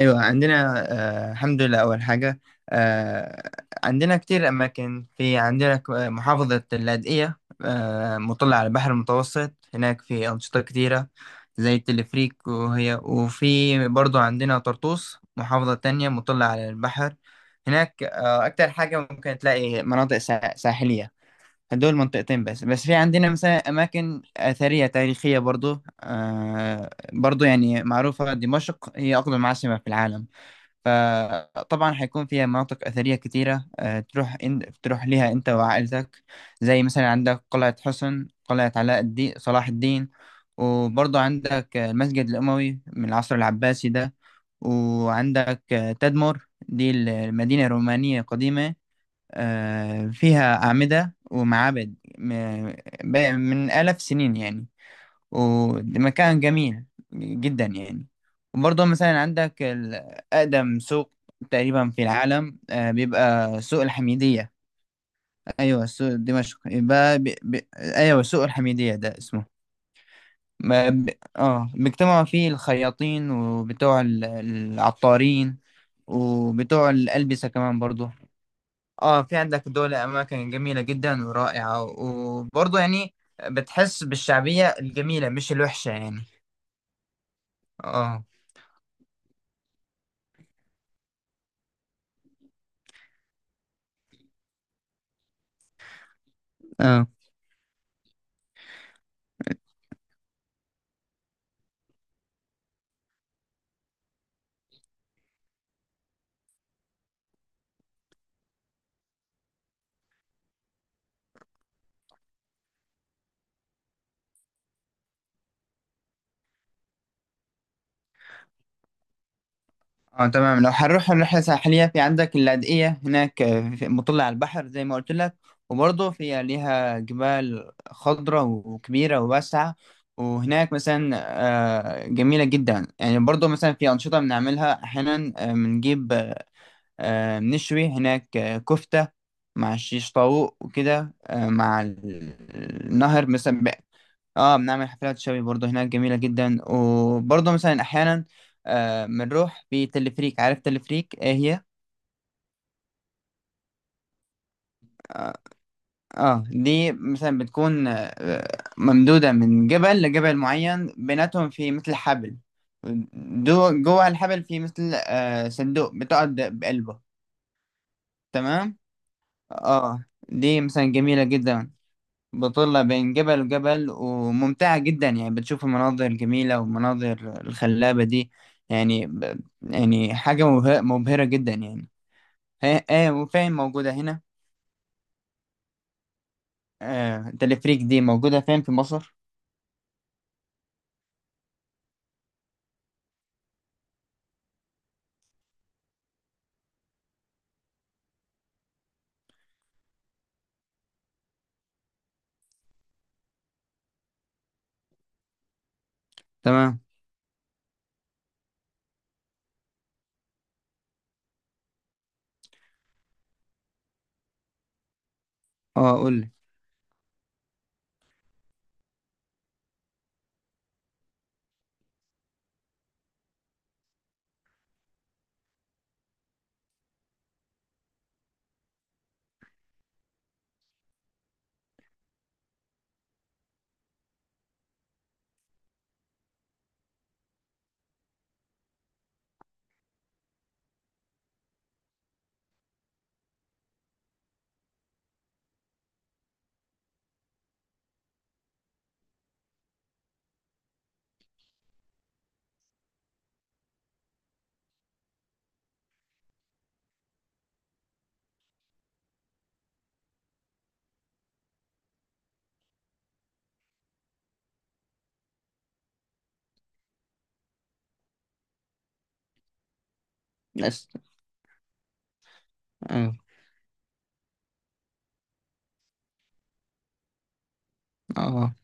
ايوه، عندنا. آه، الحمد لله. اول حاجه، آه عندنا كتير اماكن. في عندنا محافظه اللاذقيه، مطلة على البحر المتوسط. هناك في انشطه كتيره زي التلفريك، وهي، وفي برضو عندنا طرطوس، محافظه تانية مطلة على البحر. هناك اكتر حاجه ممكن تلاقي مناطق ساحليه. هدول منطقتين بس. بس في عندنا مثلا اماكن اثريه تاريخيه برضو، برضو يعني معروفه. دمشق هي اقدم عاصمه في العالم، فطبعا هيكون فيها مناطق أثرية كتيرة. تروح ليها أنت وعائلتك. زي مثلا عندك قلعة حسن، قلعة علاء الدين، صلاح الدين. وبرضه عندك المسجد الأموي من العصر العباسي ده. وعندك تدمر، دي المدينة الرومانية القديمة. فيها أعمدة ومعابد من آلاف سنين يعني. ومكان جميل جدا يعني. وبرضه مثلا عندك أقدم سوق تقريبا في العالم، بيبقى سوق الحميدية. أيوة سوق دمشق، يبقى أيوة سوق الحميدية ده اسمه. ما ب... اه، بيجتمعوا فيه الخياطين وبتوع العطارين وبتوع الألبسة كمان برضه. اه، في عندك دول أماكن جميلة جدا ورائعة، وبرضه يعني بتحس بالشعبية الجميلة، مش الوحشة يعني. اه. اه. اه، تمام. لو هنروح رحلة ساحلية في عندك اللاذقية. هناك مطلة على البحر زي ما قلت لك، وبرضه فيها ليها جبال خضراء وكبيرة وواسعة. وهناك مثلا جميلة جدا يعني. برضه مثلا في أنشطة بنعملها أحيانا. آه، بنجيب آه، آه، بنشوي هناك كفتة مع الشيش طاووق وكده، مع النهر مثلا. اه، بنعمل حفلات شوي برضه. هناك جميلة جدا. وبرضه مثلا أحيانا بنروح بتلفريك. عارف تلفريك ايه هي؟ اه. دي مثلا بتكون ممدودة من جبل لجبل معين بيناتهم، في مثل حبل. دو جوه الحبل في مثل صندوق بتقعد بقلبه. تمام؟ اه، دي مثلا جميلة جدا، بطلة بين جبل وجبل، وممتعة جدا يعني. بتشوف المناظر الجميلة والمناظر الخلابة دي. يعني حاجة مبهرة جدا يعني. اه. اه. وفين موجودة هنا؟ تلفريك دي موجودة فين في مصر؟ تمام. اه، قول لي. بس. اه. اه،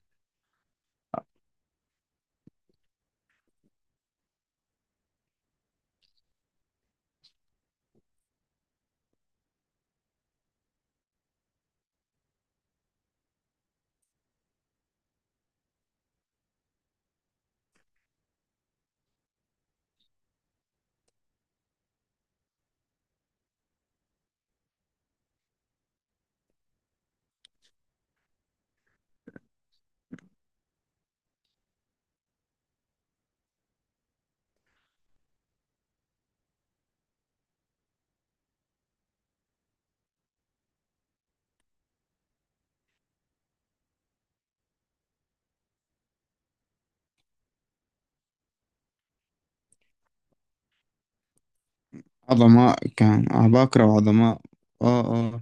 عظماء. كان عباقرة وعظماء. اه. اه،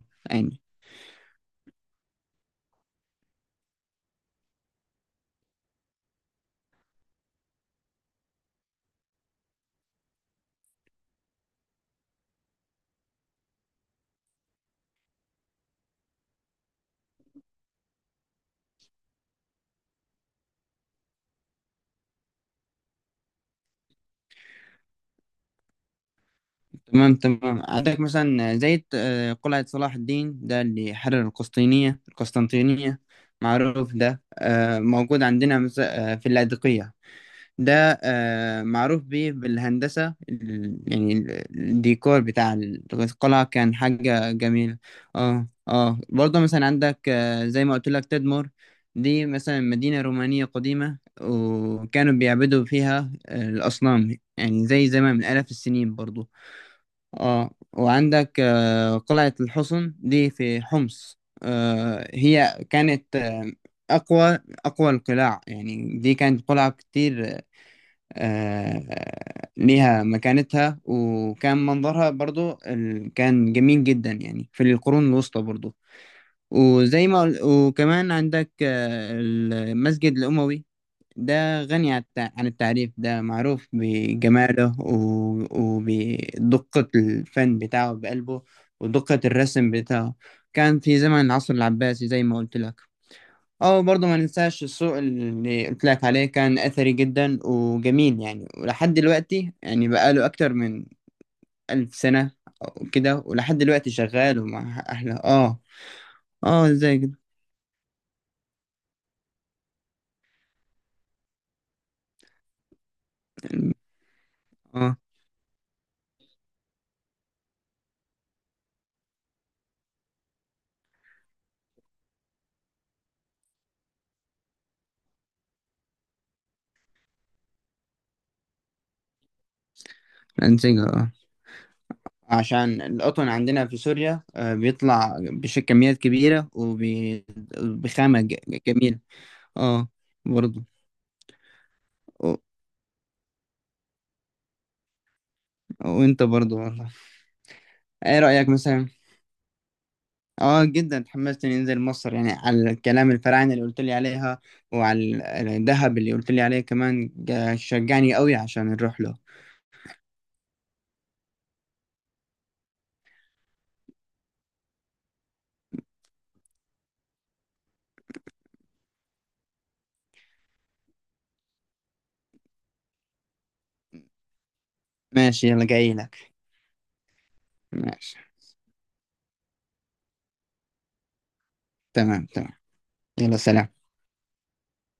تمام تمام. عندك مثلا زي قلعة صلاح الدين ده اللي حرر القسطنطينية، معروف ده. موجود عندنا في اللاذقية. ده معروف بيه بالهندسة يعني الديكور بتاع القلعة، كان حاجة جميلة. اه. اه، برضه مثلا عندك زي ما قلت لك تدمر. دي مثلا مدينة رومانية قديمة، وكانوا بيعبدوا فيها الأصنام يعني، زي زمان من آلاف السنين برضه. اه. وعندك قلعة الحصن دي في حمص. هي كانت أقوى أقوى القلاع يعني. دي كانت قلعة كتير، ليها مكانتها، وكان منظرها برضو كان جميل جدا يعني في القرون الوسطى برضو. وزي ما قل- وكمان عندك المسجد الأموي. ده غني عن عن التعريف. ده معروف بجماله وبدقة الفن بتاعه بقلبه، ودقة الرسم بتاعه. كان في زمن العصر العباسي زي ما قلت لك. اه، برضه ما ننساش السوق اللي قلت لك عليه، كان أثري جدا وجميل يعني، ولحد دلوقتي يعني بقاله أكتر من 1000 سنة أو كده. ولحد دلوقتي شغال ومع أهله. اه. اه، ازاي كده؟ اه. انسجه. اه، عشان القطن عندنا في سوريا بيطلع كميات كبيرة وبخامة جميلة. اه. برضو. و- وانت برضو والله، ايه رأيك مثلا؟ اه، جدا اتحمست اني انزل مصر يعني، على الكلام الفراعنة اللي قلت لي عليها، وعلى الذهب اللي قلت لي عليه كمان. شجعني قوي عشان نروح له. ماشي، يلا جاي لك. ماشي، تمام تمام. يلا سلام.